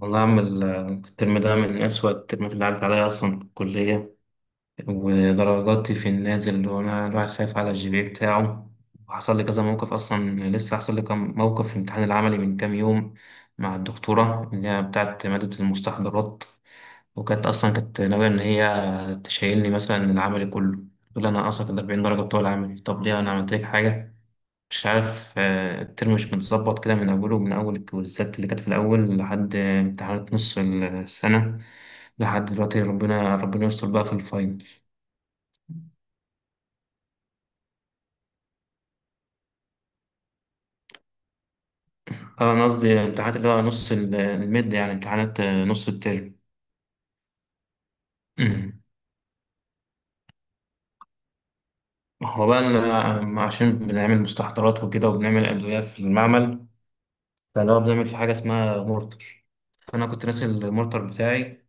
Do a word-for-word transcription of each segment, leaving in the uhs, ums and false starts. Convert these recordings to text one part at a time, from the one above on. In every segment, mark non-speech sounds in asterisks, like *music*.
والله يا عم ال- الترم ده من أسوأ الترمات اللي عدت عليا أصلا في الكلية، ودرجاتي في النازل وأنا الواحد خايف على الجي بي إيه بتاعه. وحصل لي كذا موقف أصلا، لسه حصل لي كم موقف في الامتحان العملي من كام يوم مع الدكتورة اللي هي بتاعت مادة المستحضرات. وكانت أصلا كانت ناوية إن هي تشيلني مثلا العملي كله. تقول لي أنا أصلا كنت أربعين درجة بتوع العملي، طب ليه أنا عملت لك حاجة؟ مش عارف. آه، الترم مش متظبط كده من أوله، من أول الكويزات اللي كانت في الأول لحد آه، امتحانات نص السنة، لحد دلوقتي. ربنا ربنا يستر بقى في الفاينل. اه أنا قصدي امتحانات اللي هو نص ال- الميد، يعني امتحانات آه، نص الترم. *clears throat* أمم. هو بقى ال- آه، عشان بنعمل مستحضرات وكده وبنعمل أدوية في المعمل. فاللي هو بنعمل في حاجة اسمها مورتر. فأنا كنت ناسي المورتر بتاعي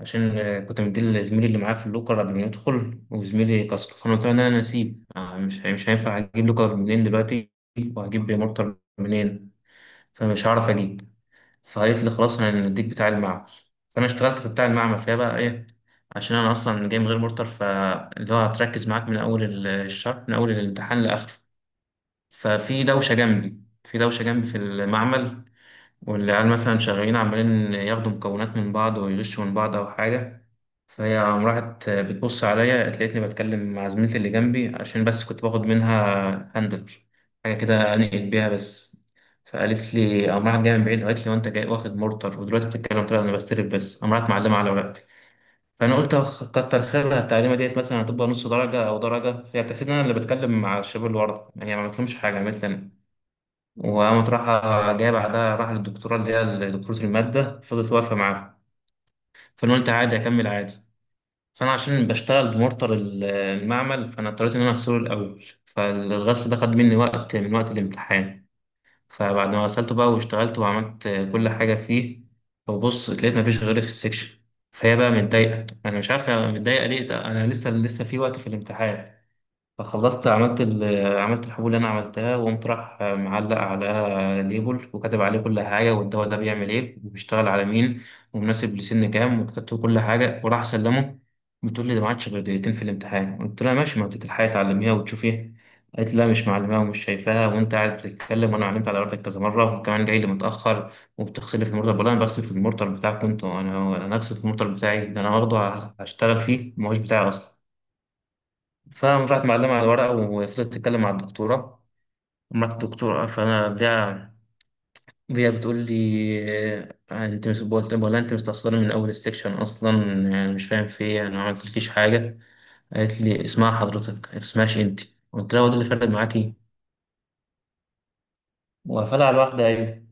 عشان آه، كنت مديه لزميلي اللي معاه في اللوكر قبل ما يدخل وزميلي كسر. فانا قلت له إن انا نسيب، آه، مش مش هينفع اجيب لوكر منين دلوقتي وهجيب مورتر منين، فمش هعرف اجيب. فقالت لي خلاص انا هنديك بتاع المعمل. فانا اشتغلت في بتاع المعمل فيها بقى ايه؟ عشان انا اصلا جاي من غير مورتر، فاللي هو هتركز معاك من اول ال- الشهر، من اول الامتحان لاخره. ففي دوشه جنبي في دوشه جنبي في المعمل، والعيال مثلا شغالين عمالين ياخدوا مكونات من بعض ويغشوا من بعض أو حاجة. فهي قام راحت بتبص عليا لقيتني بتكلم مع زميلتي اللي جنبي، عشان بس كنت باخد منها هاندل، حاجة كده أنقل بيها بس. فقالت لي، قام راحت جاية من بعيد قالت لي، وأنت جاي واخد مرتر ودلوقتي بتتكلم؟ طلع أنا بستلف بس. قام راحت معلمة على ورقتي. فأنا قلت أخ كتر خيرها، التعليمة ديت مثلا هتبقى نص درجة أو درجة، فهي بتحسب إن أنا اللي بتكلم مع الشباب اللي ورا، يعني ما عملتلهمش حاجة، عملت لي أنا. وقامت رايحة جاية بعدها، راح للدكتورة اللي هي دكتورة المادة فضلت واقفة معاها. فأنا قلت عادي أكمل عادي. فأنا عشان بشتغل بمورتر ال- المعمل فأنا اضطريت إن أنا أغسله الأول، فالغسل ده خد مني وقت من وقت الامتحان. فبعد ما غسلته بقى واشتغلت وعملت كل حاجة فيه، وبص لقيت مفيش غيري في السكشن. فهي بقى متضايقة، أنا مش عارف هي متضايقة ليه، ده أنا لسه لسه في وقت في الامتحان. فخلصت عملت ال- عملت الحبوب اللي انا عملتها، وقمت راح معلق على ليبل وكاتب عليه كل حاجه، والدواء ده بيعمل ايه وبيشتغل على مين ومناسب لسن كام، وكتبت له كل حاجه وراح اسلمه. بتقول لي ده ما عادش غير دقيقتين في الامتحان، قلت لها ماشي، ما انت تلحقي تعلميها وتشوفيها. قالت لي لا مش معلماها ومش شايفاها وانت قاعد بتتكلم، وانا علمت على ورقتك كذا مره، وكمان جاي لي متاخر وبتغسلي في المرطب، ولا انا بغسل في المرطب بتاعك؟ كنت انا انا اغسل في المرطب بتاعي، ده انا واخده هشتغل فيه، ما هوش بتاعي اصلا. فقام راحت معلمة على الورقة وفضلت تتكلم مع الدكتورة، مرات الدكتورة. فأنا ليها ليها بتقول لي آه، أنت مش بقول ولا أنت مستقصداني من أول السكشن أصلا؟ يعني مش فاهم في إيه، أنا ما عملتلكيش حاجة. قالت لي اسمها حضرتك ما اسمهاش أنت. قلت لها هو ده اللي فرق معاكي؟ وقفلها على الواحدة أيوة.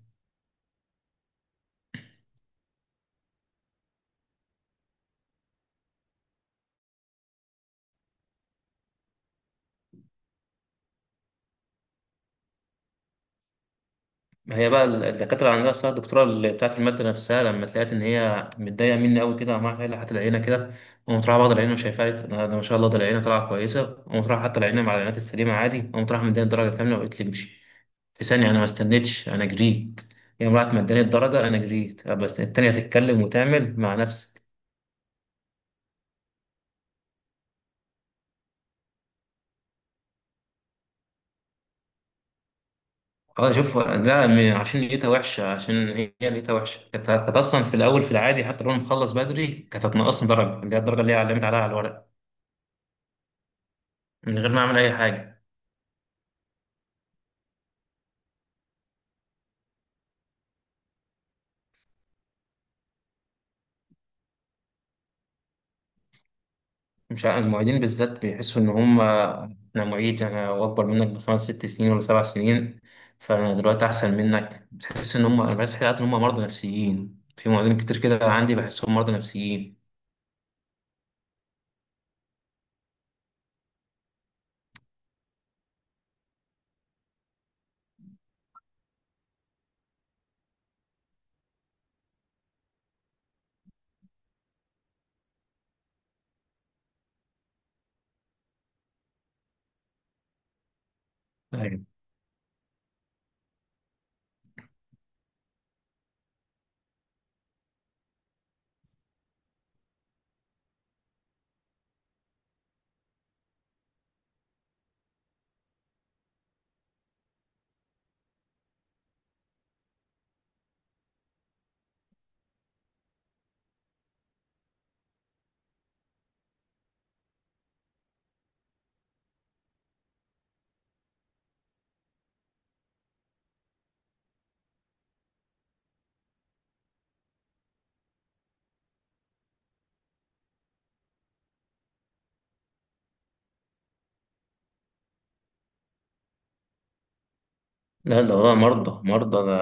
ما هي بقى الدكاترة اللي عندها الصيحة، الدكتورة اللي بتاعت المادة نفسها لما تلاقيت إن هي متضايقة مني أوي كده وعمالة تقول لي حتى العينة كده، قمت رايح بعض العينة وشايفها لي، ده ده ما شاء الله ده العينة طالعة كويسة. قمت رايح حتى العينة مع العينات السليمة عادي، قمت رايح مداني الدرجة كاملة وقلت لي امشي في ثانية. أنا ما استنيتش، أنا جريت. هي راحت مداني الدرجة أنا جريت. أه، بس التانية تتكلم وتعمل مع نفسك. اه شوف ده من- عشان نيتها وحشة، عشان هي نيتها وحشة. كانت كانت أصلا في الأول في العادي حتى لو أنا مخلص بدري كانت هتنقصني درجة، اللي هي الدرجة اللي هي علمت عليها على الورق من غير ما اعمل اي حاجه. مش ع- المعيدين بالذات بيحسوا ان هم، انا معيد انا اكبر منك بخمس ست سنين ولا سبع سنين، فانا دلوقتي احسن منك. بتحس ان هم، انا بحس حياتي ان هم مرضى نفسيين. في معيدين كتير كده عندي بحسهم مرضى نفسيين. لا ده والله مرضى مرضى ده.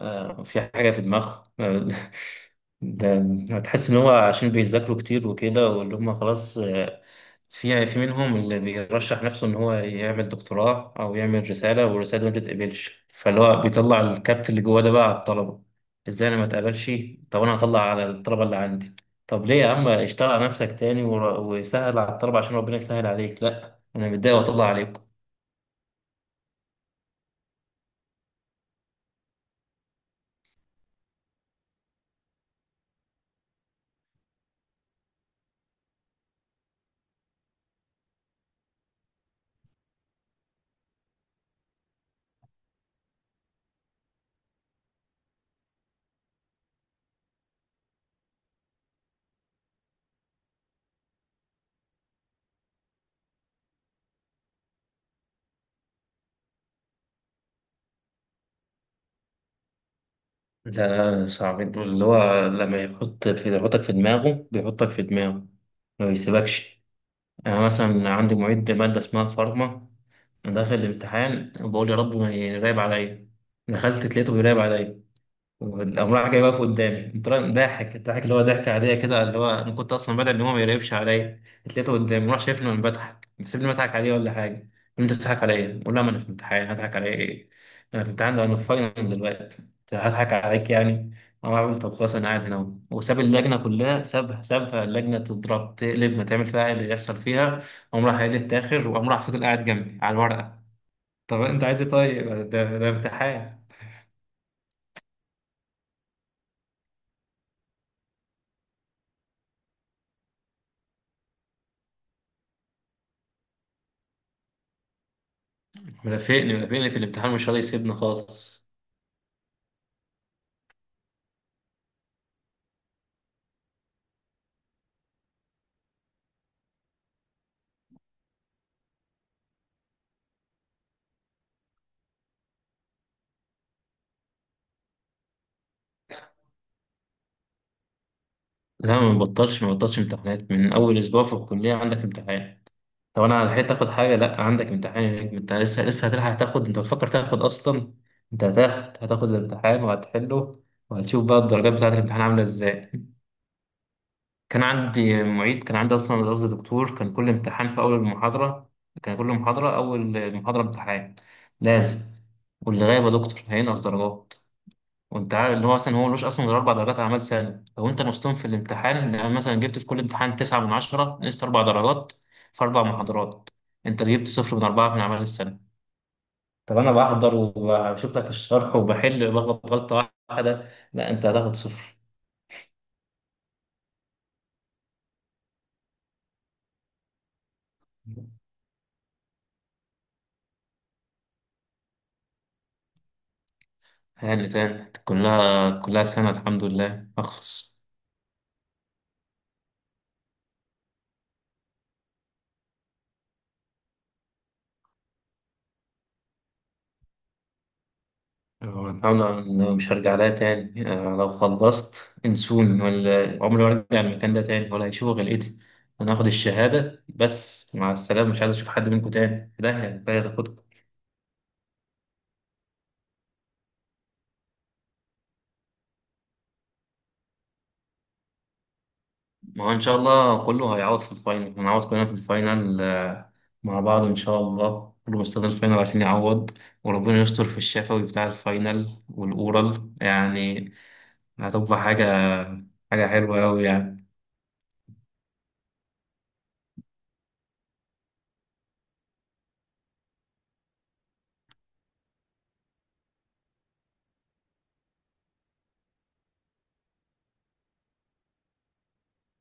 آه، في حاجة في دماغهم. آه، *laughs* ده هتحس إن هو عشان بيذاكروا كتير وكده، واللي هم خلاص. آه، في في منهم اللي بيرشح نفسه إن هو يعمل دكتوراه أو يعمل رسالة والرسالة دي ما تتقبلش، فاللي هو بيطلع الكبت اللي جواه ده بقى على الطلبة. إزاي أنا ما اتقبلش؟ طب أنا هطلع على الطلبة اللي عندي؟ طب ليه يا عم، اشتغل على نفسك تاني ور- وسهل على الطلبة عشان ربنا يسهل عليك، لا أنا متضايق وأطلع عليكم. لا صعب دول، اللي هو لما يحط في يحطك في دماغه، بيحطك في دماغه ما بيسيبكش. يعني أنا مثلا عندي معيد مادة اسمها فارما، أنا داخل الامتحان وبقول يا رب ما يراقب عليا، دخلت لقيته بيراقب عليا. وقام راح جاي واقف قدامي، قمت رايح ضاحك ضحك، اللي هو ضحكة عادية كده، اللي هو أنا كنت أصلا بدأ إن هو ما يقربش عليا. اتلقيته قدامي راح شايفني وأنا بضحك، سيبني بضحك عليه ولا حاجة. أنت بتضحك على إيه؟ بقول له ما أنا في امتحان هضحك على إيه؟ أنا في امتحان، ده أنا في فاينل دلوقتي. أنت هضحك عليك يعني؟ أو أعمل طب خلاص أنا قاعد هنا أهو. وساب اللجنة كلها، سابها سابها اللجنة تضرب تقلب ما تعمل فيها اللي يحصل فيها. قام راح قايل التاخر وقام راح فضل قاعد جنبي على الورقة. طب أنت عايز إيه طيب؟ ده ده امتحان. مرافقني مرافقني في الامتحان مش راضي يسيبني خالص. لا ما بطلش ما بطلش امتحانات، من اول اسبوع في الكليه عندك امتحان. طب انا لحقت اخد حاجه؟ لا عندك امتحان يا نجم، انت لسه لسه هتلحق تاخد؟ انت بتفكر تاخد اصلا؟ انت هتاخد هتاخد الامتحان وهتحله، وهتشوف بقى الدرجات بتاعه الامتحان عامله ازاي. كان عندي معيد، كان عندي اصلا قصدي دكتور، كان كل امتحان في اول المحاضره، كان كل محاضره اول محاضره امتحان لازم، واللي غايب يا دكتور هينقص درجات. وانت عارف اللي هو مثلا هو ملوش اصلا غير أربع درجات أعمال سنة، لو انت نصتهم في الامتحان يعني مثلا جبت في كل امتحان تسعة من عشرة نقصت اربع درجات في اربع محاضرات، انت جبت صفر من أربعة من اعمال السنه. طب انا بحضر وبشوف لك الشرح وبحل، بغلط غلطه واحده، لا انت هتاخد صفر. هاني تاني كلها كلها سنه الحمد لله اخلص. آه، الحمد لله إنه مش هرجع لها تاني. آه، لو خلصت انسوني، ولا عمري ما هرجع المكان ده تاني ولا هيشوفوا غلقتي. أنا هاخد الشهادة بس مع السلامة، مش عايز أشوف حد منكم تاني، ده يعني، ده هاخدكم. ما هو إن شاء الله كله هيعوض في الفاينل، هنعوض كلنا في الفاينل آه، مع بعض إن شاء الله. كله مستني الفاينل عشان يعوض. وربنا يستر في الشفوي بتاع الفاينل والأورال يعني. هتبقى حاجة حاجة حلوة أوي يعني.